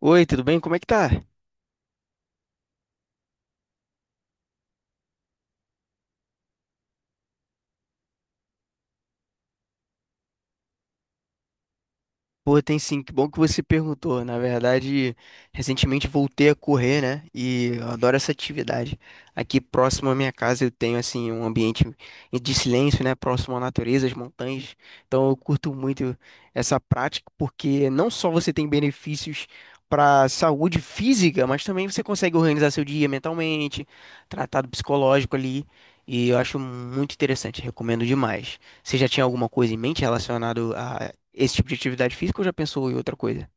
Oi, tudo bem? Como é que tá? Pô, tem sim, que bom que você perguntou. Na verdade, recentemente voltei a correr, né? E eu adoro essa atividade. Aqui próximo à minha casa eu tenho, assim, um ambiente de silêncio, né? Próximo à natureza, às montanhas. Então eu curto muito essa prática, porque não só você tem benefícios para saúde física, mas também você consegue organizar seu dia mentalmente, tratado psicológico ali. E eu acho muito interessante, recomendo demais. Você já tinha alguma coisa em mente relacionada esse tipo de atividade física ou já pensou em outra coisa?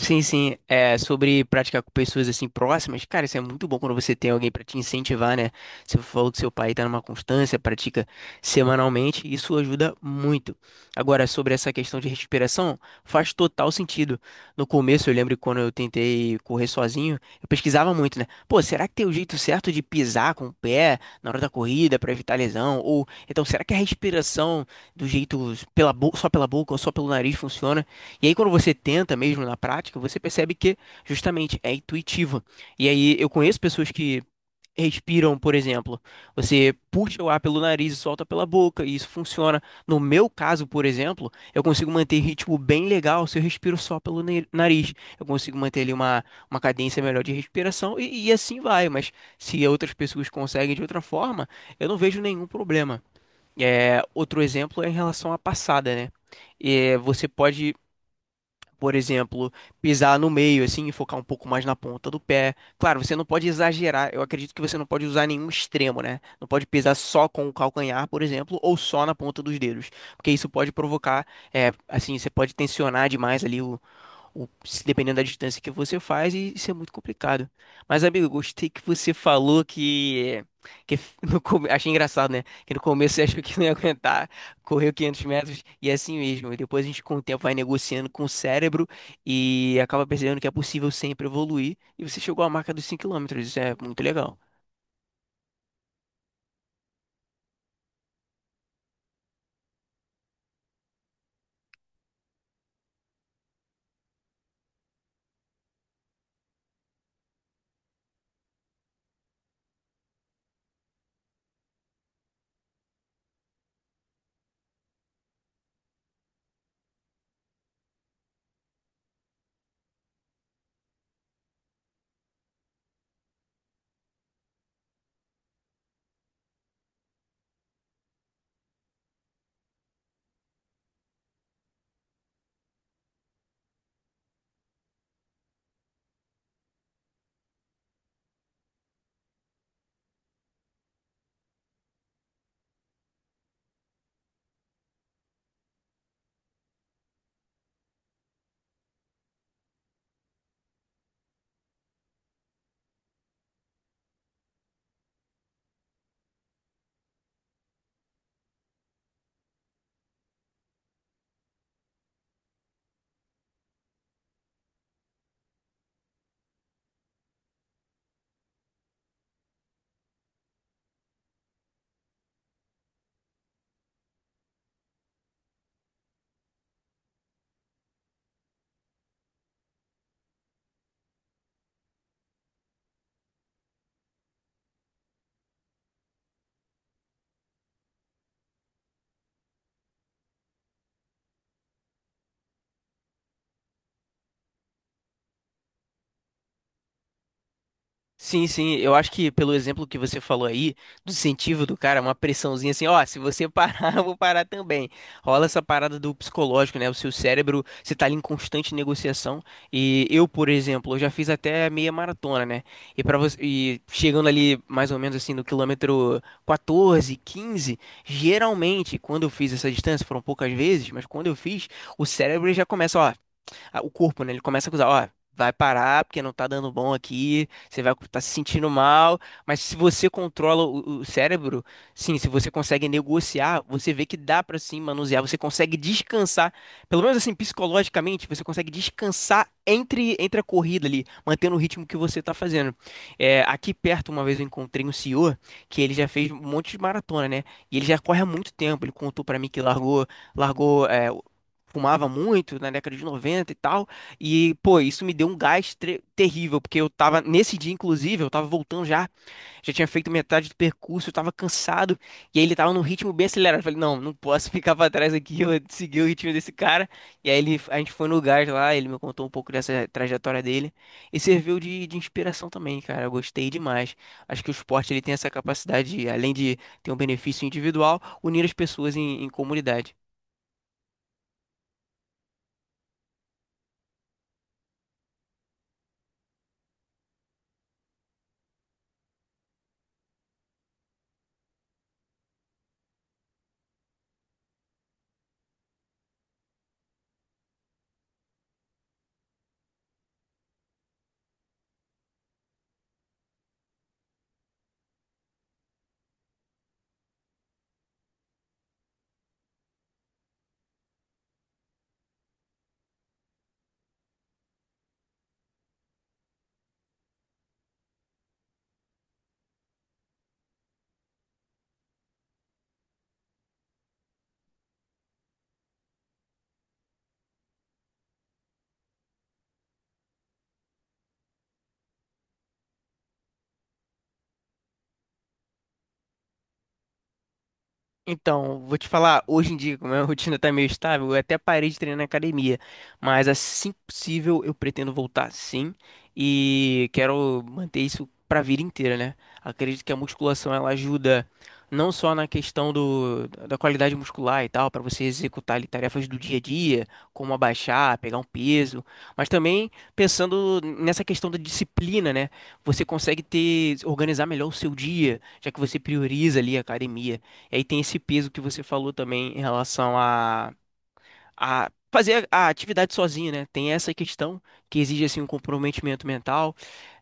Sim, sim, é sobre praticar com pessoas assim próximas. Cara, isso é muito bom quando você tem alguém pra te incentivar, né? Você falou que seu pai tá numa constância, pratica semanalmente, isso ajuda muito. Agora, sobre essa questão de respiração, faz total sentido. No começo, eu lembro que quando eu tentei correr sozinho, eu pesquisava muito, né? Pô, será que tem o jeito certo de pisar com o pé na hora da corrida pra evitar lesão? Ou então, será que a respiração do jeito só pela boca ou só pelo nariz funciona? E aí, quando você tenta mesmo na prática, você percebe que justamente é intuitiva. E aí, eu conheço pessoas que respiram, por exemplo. Você puxa o ar pelo nariz e solta pela boca, e isso funciona. No meu caso, por exemplo, eu consigo manter ritmo bem legal se eu respiro só nariz. Eu consigo manter ali uma cadência melhor de respiração e assim vai. Mas se outras pessoas conseguem de outra forma, eu não vejo nenhum problema. É, outro exemplo é em relação à passada, né? É, você pode por exemplo, pisar no meio, assim, e focar um pouco mais na ponta do pé. Claro, você não pode exagerar. Eu acredito que você não pode usar nenhum extremo, né? Não pode pisar só com o calcanhar, por exemplo, ou só na ponta dos dedos. Porque isso pode provocar, é, assim, você pode tensionar demais ali se dependendo da distância que você faz, e isso é muito complicado. Mas, amigo, gostei que você falou que no, come- achei engraçado, né? Que no começo você achou que não ia aguentar, correu 500 metros e é assim mesmo. E depois a gente, com o tempo, vai negociando com o cérebro e acaba percebendo que é possível sempre evoluir. E você chegou à marca dos 5 km, isso é muito legal. Sim, sim, eu acho que pelo exemplo que você falou aí, do incentivo do cara, uma pressãozinha assim, ó, se você parar, eu vou parar também. Rola essa parada do psicológico, né? O seu cérebro, você tá ali em constante negociação. E eu, por exemplo, eu já fiz até meia maratona, né? E para você, e chegando ali mais ou menos assim no quilômetro 14, 15, geralmente quando eu fiz essa distância, foram poucas vezes, mas quando eu fiz, o cérebro já começa, ó, o corpo, né? Ele começa a acusar, ó, vai parar porque não tá dando bom aqui, você vai estar se sentindo mal, mas se você controla o cérebro, sim, se você consegue negociar, você vê que dá pra sim manusear, você consegue descansar, pelo menos assim, psicologicamente, você consegue descansar entre a corrida ali, mantendo o ritmo que você tá fazendo. É, aqui perto, uma vez eu encontrei um senhor que ele já fez um monte de maratona, né? E ele já corre há muito tempo. Ele contou pra mim que largou, largou é, fumava muito né, na década de 90 e tal. E, pô, isso me deu um gás terrível, porque eu tava, nesse dia, inclusive, eu tava voltando já, já tinha feito metade do percurso, eu tava cansado, e aí ele tava num ritmo bem acelerado. Eu falei, não, não posso ficar pra trás aqui, eu vou seguir o ritmo desse cara. E aí ele, a gente foi no gás lá, ele me contou um pouco dessa trajetória dele, e serviu de inspiração também, cara. Eu gostei demais. Acho que o esporte ele tem essa capacidade, de, além de ter um benefício individual, unir as pessoas em comunidade. Então, vou te falar, hoje em dia, como a minha rotina tá meio estável, eu até parei de treinar na academia, mas assim que possível eu pretendo voltar sim e quero manter isso pra vida inteira, né? Acredito que a musculação ela ajuda não só na questão da qualidade muscular e tal, pra você executar ali, tarefas do dia a dia, como abaixar, pegar um peso, mas também pensando nessa questão da disciplina, né? Você consegue ter organizar melhor o seu dia, já que você prioriza ali a academia. E aí tem esse peso que você falou também em relação a fazer a atividade sozinho, né? Tem essa questão que exige assim um comprometimento mental,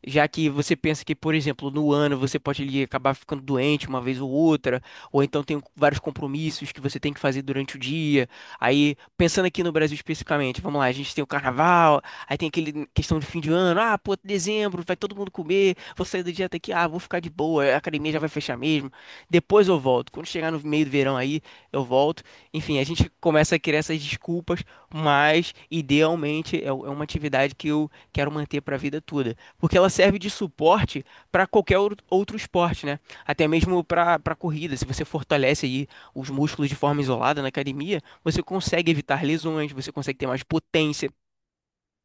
já que você pensa que, por exemplo, no ano você pode ali acabar ficando doente uma vez ou outra, ou então tem vários compromissos que você tem que fazer durante o dia. Aí, pensando aqui no Brasil especificamente, vamos lá, a gente tem o carnaval, aí tem aquele questão de fim de ano, ah, pô, dezembro, vai todo mundo comer, vou sair da dieta aqui, ah, vou ficar de boa, a academia já vai fechar mesmo. Depois eu volto. Quando chegar no meio do verão aí, eu volto. Enfim, a gente começa a criar essas desculpas, mas idealmente é é uma atividade que eu quero manter para a vida toda, porque ela serve de suporte para qualquer outro esporte, né? Até mesmo para corrida. Se você fortalece aí os músculos de forma isolada na academia, você consegue evitar lesões, você consegue ter mais potência.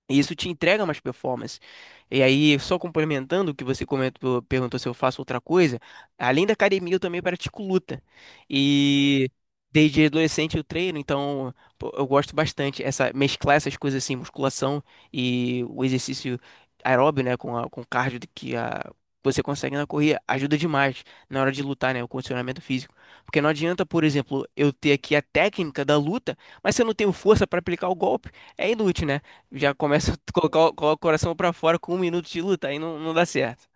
E isso te entrega mais performance. E aí, só complementando o que você comentou, perguntou se eu faço outra coisa, além da academia, eu também pratico luta. E desde adolescente eu treino, então pô, eu gosto bastante essa mesclar essas coisas assim, musculação e o exercício aeróbio, né, com o cardio que a Você consegue na corrida, ajuda demais na hora de lutar, né? O condicionamento físico. Porque não adianta, por exemplo, eu ter aqui a técnica da luta, mas se eu não tenho força para aplicar o golpe, é inútil, né? Já começa a colocar, coloca o coração pra fora com um minuto de luta, aí não, não dá certo.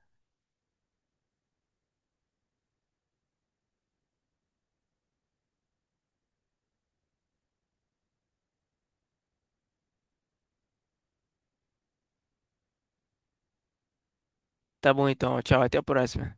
Tá bom então, tchau, até a próxima.